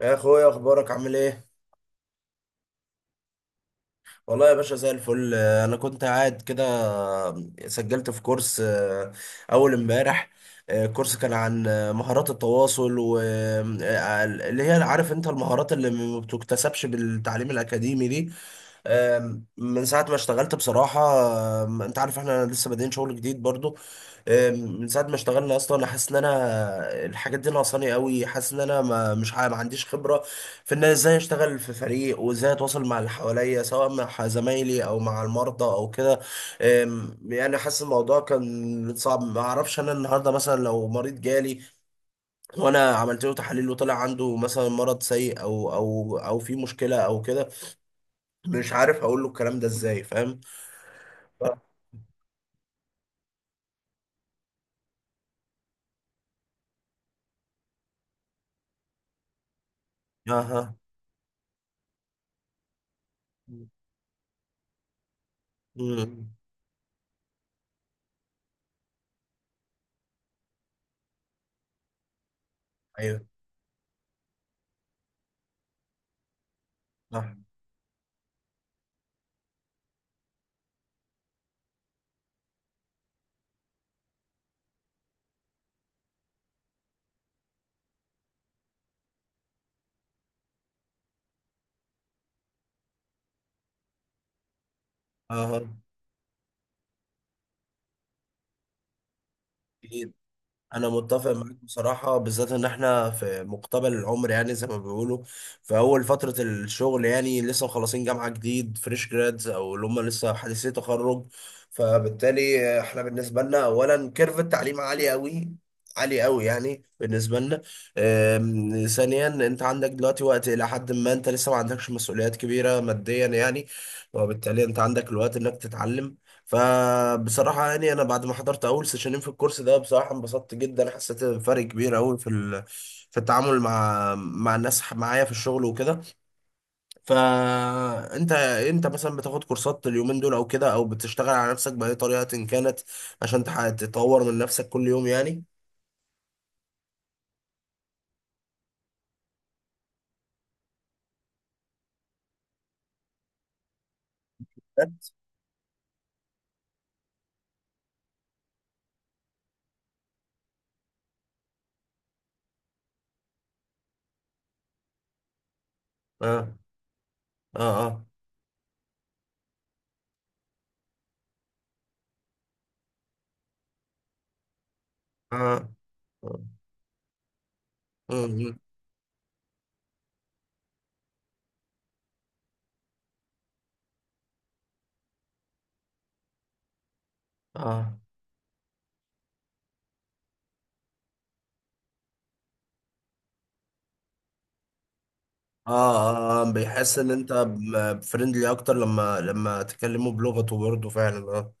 يا اخويا، اخبارك عامل ايه؟ والله يا باشا زي الفل. انا كنت قاعد كده. سجلت في كورس اول امبارح. كورس كان عن مهارات التواصل و اللي هي عارف انت المهارات اللي ما بتكتسبش بالتعليم الاكاديمي دي. من ساعة ما اشتغلت بصراحة. انت عارف احنا لسه بادئين شغل جديد برضو. آم، من ساعة ما اشتغلنا اصلا انا حاسس ان انا الحاجات دي ناقصاني قوي، حاسس ان انا ما مش ع- ما عنديش خبرة في ان ازاي اشتغل في فريق وازاي اتواصل مع اللي حواليا، سواء مع زمايلي او مع المرضى او كده. يعني حاسس الموضوع كان صعب. ما اعرفش انا النهارده مثلا لو مريض جالي وانا عملت له تحاليل وطلع عنده مثلا مرض سيء او في مشكله او كده، مش عارف اقول له الكلام ده ازاي، فاهم؟ اها. مم. ايوه، صح. اها. انا متفق معاك بصراحه، بالذات ان احنا في مقتبل العمر يعني زي ما بيقولوا، في اول فتره الشغل يعني، لسه مخلصين جامعه جديد، فريش جرادز او اللي هم لسه حديثي تخرج. فبالتالي احنا بالنسبه لنا اولا كيرف التعليم عالي قوي، عالي قوي يعني بالنسبه لنا. ثانيا انت عندك دلوقتي وقت الى حد ما، انت لسه ما عندكش مسؤوليات كبيره ماديا يعني، وبالتالي انت عندك الوقت انك تتعلم. فبصراحة يعني أنا بعد ما حضرت أول سيشنين في الكورس ده بصراحة انبسطت جدا، حسيت بفرق كبير أوي في في التعامل مع الناس معايا في الشغل وكده. فأنت، أنت مثلا بتاخد كورسات اليومين دول أو كده، أو بتشتغل على نفسك بأي طريقة إن كانت عشان تطور من نفسك كل يوم يعني؟ اه، اه، اه، اه، اه، اه، اه، اه. آه، بيحس ان انت فريندلي اكتر لما تكلمه بلغته برضه فعلا آه.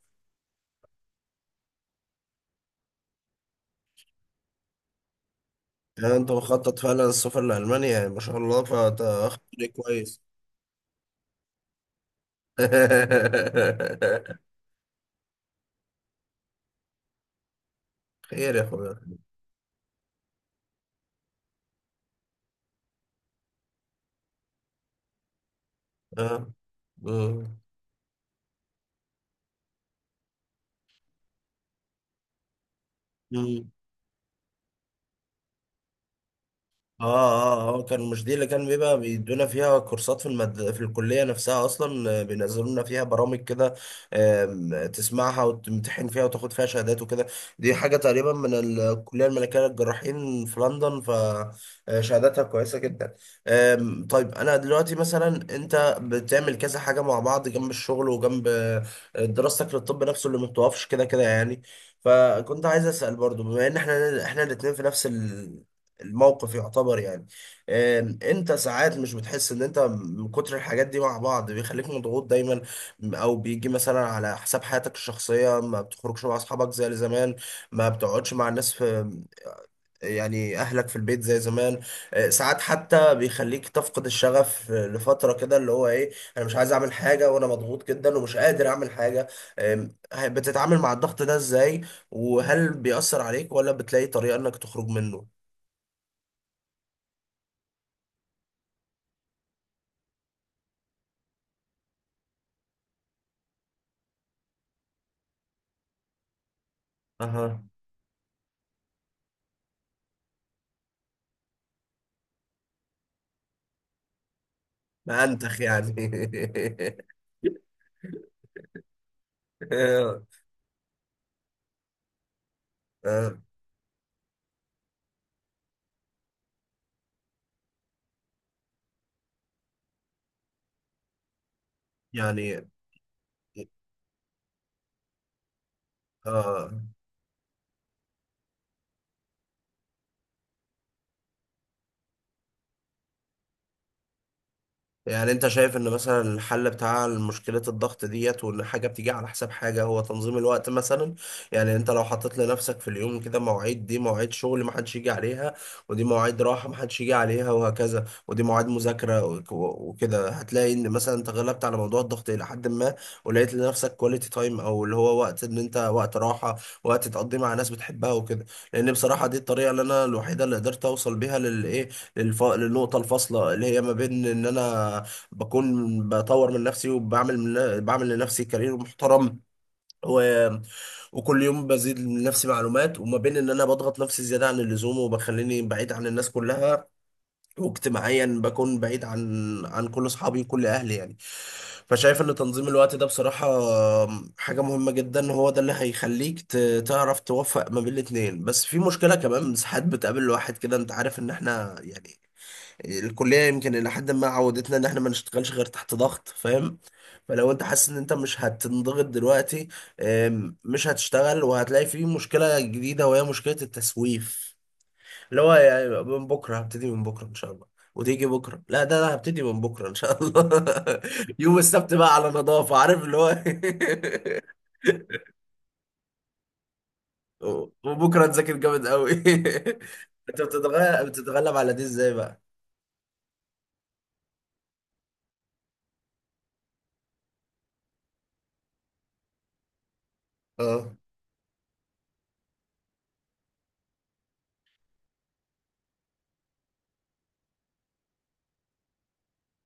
يعني انت مخطط فعلا السفر لألمانيا يعني؟ ما شاء الله، فانت واخد طريق كويس. خير يا اخويا. اه. آه. مم. اه، اه، هو كان مش دي اللي كان بيبقى بيدونا فيها كورسات في في الكلية نفسها اصلا؟ بينزلوا لنا فيها برامج كده، تسمعها وتمتحن فيها وتاخد فيها شهادات وكده. دي حاجة تقريبا من الكلية الملكية للجراحين في لندن، فشهاداتها كويسة جدا. طيب انا دلوقتي مثلا، انت بتعمل كذا حاجة مع بعض جنب الشغل وجنب دراستك للطب نفسه اللي ما بتوقفش كده كده يعني. فكنت عايز اسال برضو بما ان احنا الاثنين في نفس الموقف يعتبر يعني، انت ساعات مش بتحس ان انت من كتر الحاجات دي مع بعض بيخليك مضغوط دايما، او بيجي مثلا على حساب حياتك الشخصية، ما بتخرجش مع اصحابك زي زمان، ما بتقعدش مع الناس في، يعني اهلك في البيت زي زمان. آه، ساعات حتى بيخليك تفقد الشغف لفترة كده اللي هو ايه، انا مش عايز اعمل حاجة وانا مضغوط جدا ومش قادر اعمل حاجة. آم، بتتعامل مع الضغط ده ازاي؟ وهل بيأثر عليك ولا بتلاقي طريقة انك تخرج منه؟ أها. ما أنتخ يعني. آه، آه، يعني آه. يعني انت شايف ان مثلا الحل بتاع مشكلة الضغط ديت، وان حاجة بتيجي على حساب حاجة، هو تنظيم الوقت مثلا؟ يعني انت لو حطيت لنفسك في اليوم كده مواعيد، دي مواعيد شغل محدش يجي عليها، ودي مواعيد راحة محدش يجي عليها، وهكذا، ودي مواعيد مذاكرة وكده، هتلاقي ان مثلا انت غلبت على موضوع الضغط الى حد ما، ولقيت لنفسك كواليتي تايم او اللي هو وقت ان انت وقت راحة، وقت تقضيه مع ناس بتحبها وكده. لان بصراحة دي الطريقة اللي انا الوحيدة اللي قدرت اوصل بيها للايه، للنقطة الفاصلة اللي هي ما بين إن أنا بكون بطور من نفسي وبعمل بعمل لنفسي كارير محترم، و... وكل يوم بزيد من نفسي معلومات، وما بين إن أنا بضغط نفسي زيادة عن اللزوم وبخليني بعيد عن الناس كلها، واجتماعيا بكون بعيد عن كل أصحابي وكل أهلي يعني. فشايف إن تنظيم الوقت ده بصراحة حاجة مهمة جدا، هو ده اللي هيخليك تعرف توفق ما بين الاتنين. بس في مشكلة كمان ساعات بتقابل الواحد كده، أنت عارف إن إحنا يعني الكليه يمكن الى حد ما عودتنا ان احنا ما نشتغلش غير تحت ضغط، فاهم؟ فلو انت حاسس ان انت مش هتنضغط دلوقتي، مش هتشتغل، وهتلاقي فيه مشكله جديده وهي مشكله التسويف، اللي هو يعني من بكره هبتدي، من بكره ان شاء الله، وتيجي بكره، لا ده انا هبتدي من بكره ان شاء الله. يوم السبت بقى على نظافه، عارف اللي هو. وبكره نذاكر جامد قوي. انت بتتغلب على دي ازاي بقى؟ اه.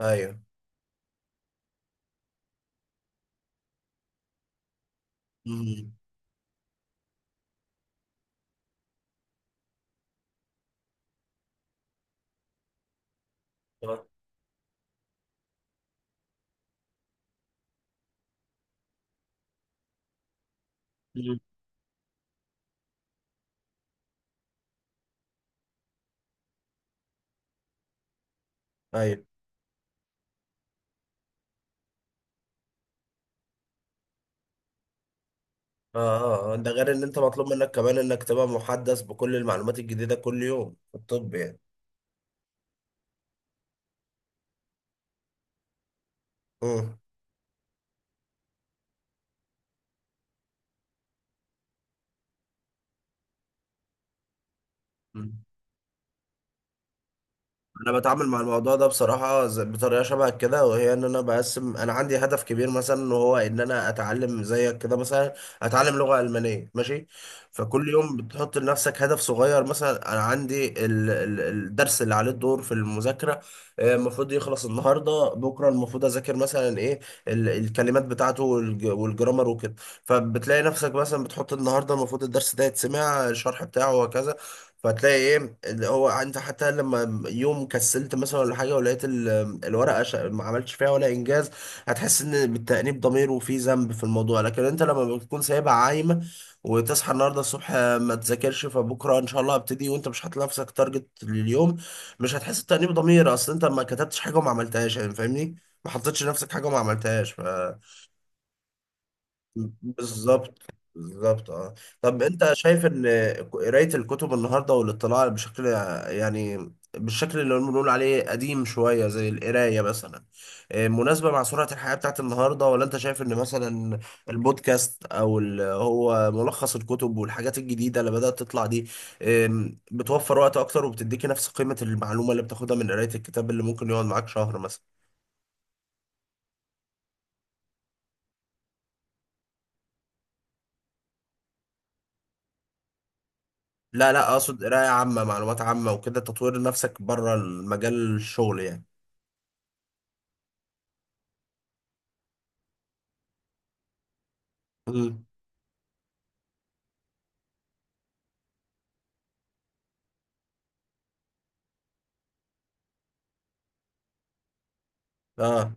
ايوه. مم. آه. مم. ايوه. اه، اه. آه. ده غير ان انت مطلوب منك كمان انك تبقى محدث بكل المعلومات الجديدة كل يوم في الطب يعني. مم. انا بتعامل مع الموضوع ده بصراحه بطريقه شبه كده، وهي ان انا بقسم، انا عندي هدف كبير مثلا وهو ان انا اتعلم زيك كده مثلا، اتعلم لغه المانيه، ماشي. فكل يوم بتحط لنفسك هدف صغير، مثلا انا عندي الدرس اللي عليه الدور في المذاكره، المفروض يخلص النهارده، بكره المفروض اذاكر مثلا ايه، الكلمات بتاعته والجرامر وكده. فبتلاقي نفسك مثلا بتحط النهارده المفروض الدرس ده يتسمع الشرح بتاعه وكذا. فتلاقي ايه اللي هو، انت حتى لما يوم كسلت مثلا ولا حاجه، ولقيت الورقه ما عملتش فيها ولا انجاز، هتحس ان بالتأنيب ضمير وفي ذنب في الموضوع. لكن انت لما بتكون سايبها عايمه وتصحى النهارده الصبح ما تذاكرش، فبكره ان شاء الله هبتدي، وانت مش حاطط لنفسك تارجت لليوم، مش هتحس بتأنيب ضمير، اصل انت ما كتبتش حاجه وما عملتهاش يعني، فاهمني؟ ما حطيتش لنفسك حاجه وما عملتهاش. بالظبط. بالظبط، اه. طب انت شايف ان قراية الكتب النهارده والاطلاع بشكل، يعني بالشكل اللي بنقول عليه قديم شوية زي القراية مثلا، مناسبة مع سرعة الحياة بتاعت النهارده؟ ولا انت شايف ان مثلا البودكاست، او اللي هو ملخص الكتب والحاجات الجديدة اللي بدأت تطلع دي، بتوفر وقت اكتر وبتديكي نفس قيمة المعلومة اللي بتاخدها من قراية الكتاب اللي ممكن يقعد معاك شهر مثلا؟ لا، لا، اقصد قرايه عامه، معلومات عامه وكده، تطوير نفسك بره المجال الشغل يعني. مم. اه،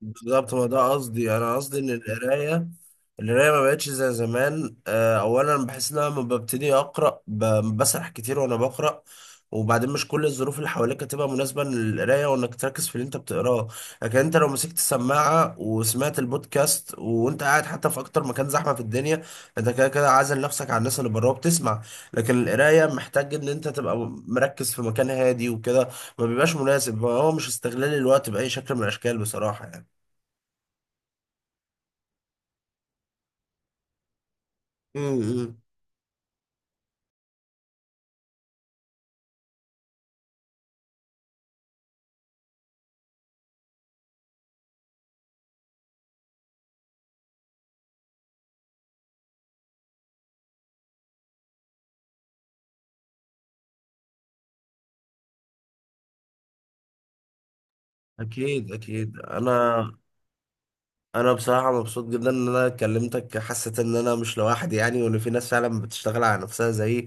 بالظبط، هو ده قصدي. يعني انا قصدي ان القرايه، القرايه ما بقتش زي زمان. آه، اولا بحس ان انا لما ببتدي اقرا بسرح كتير وانا بقرا، وبعدين مش كل الظروف اللي حواليك هتبقى مناسبه للقرايه وانك تركز في اللي انت بتقراه. لكن انت لو مسكت السماعه وسمعت البودكاست وانت قاعد حتى في اكتر مكان زحمه في الدنيا، انت كده كده عازل نفسك عن الناس اللي بره وبتسمع. لكن القرايه محتاج ان انت تبقى مركز في مكان هادي وكده، ما بيبقاش مناسب، هو مش استغلال الوقت باي شكل من الاشكال بصراحه يعني. امم. اكيد، اكيد. انا انا بصراحه مبسوط جدا ان انا كلمتك، حسيت ان انا مش لوحدي يعني، وان في ناس فعلا بتشتغل على نفسها زيي،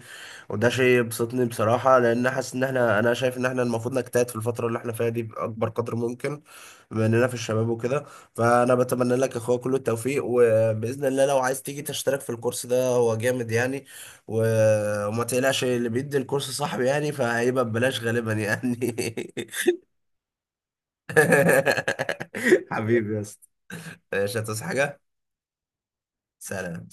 وده شيء يبسطني بصراحه، لان حاسس ان احنا، انا شايف ان احنا المفروض نجتهد في الفتره اللي احنا فيها دي باكبر قدر ممكن، بما اننا في الشباب وكده. فانا بتمنى لك يا اخويا كل التوفيق، وباذن الله لو عايز تيجي تشترك في الكورس ده هو جامد يعني، وما تقلقش اللي بيدي الكورس صاحبي يعني، فهيبقى ببلاش غالبا يعني. حبيبي، حبيبي يا اسطى. مش هتصحى حاجة. سلام.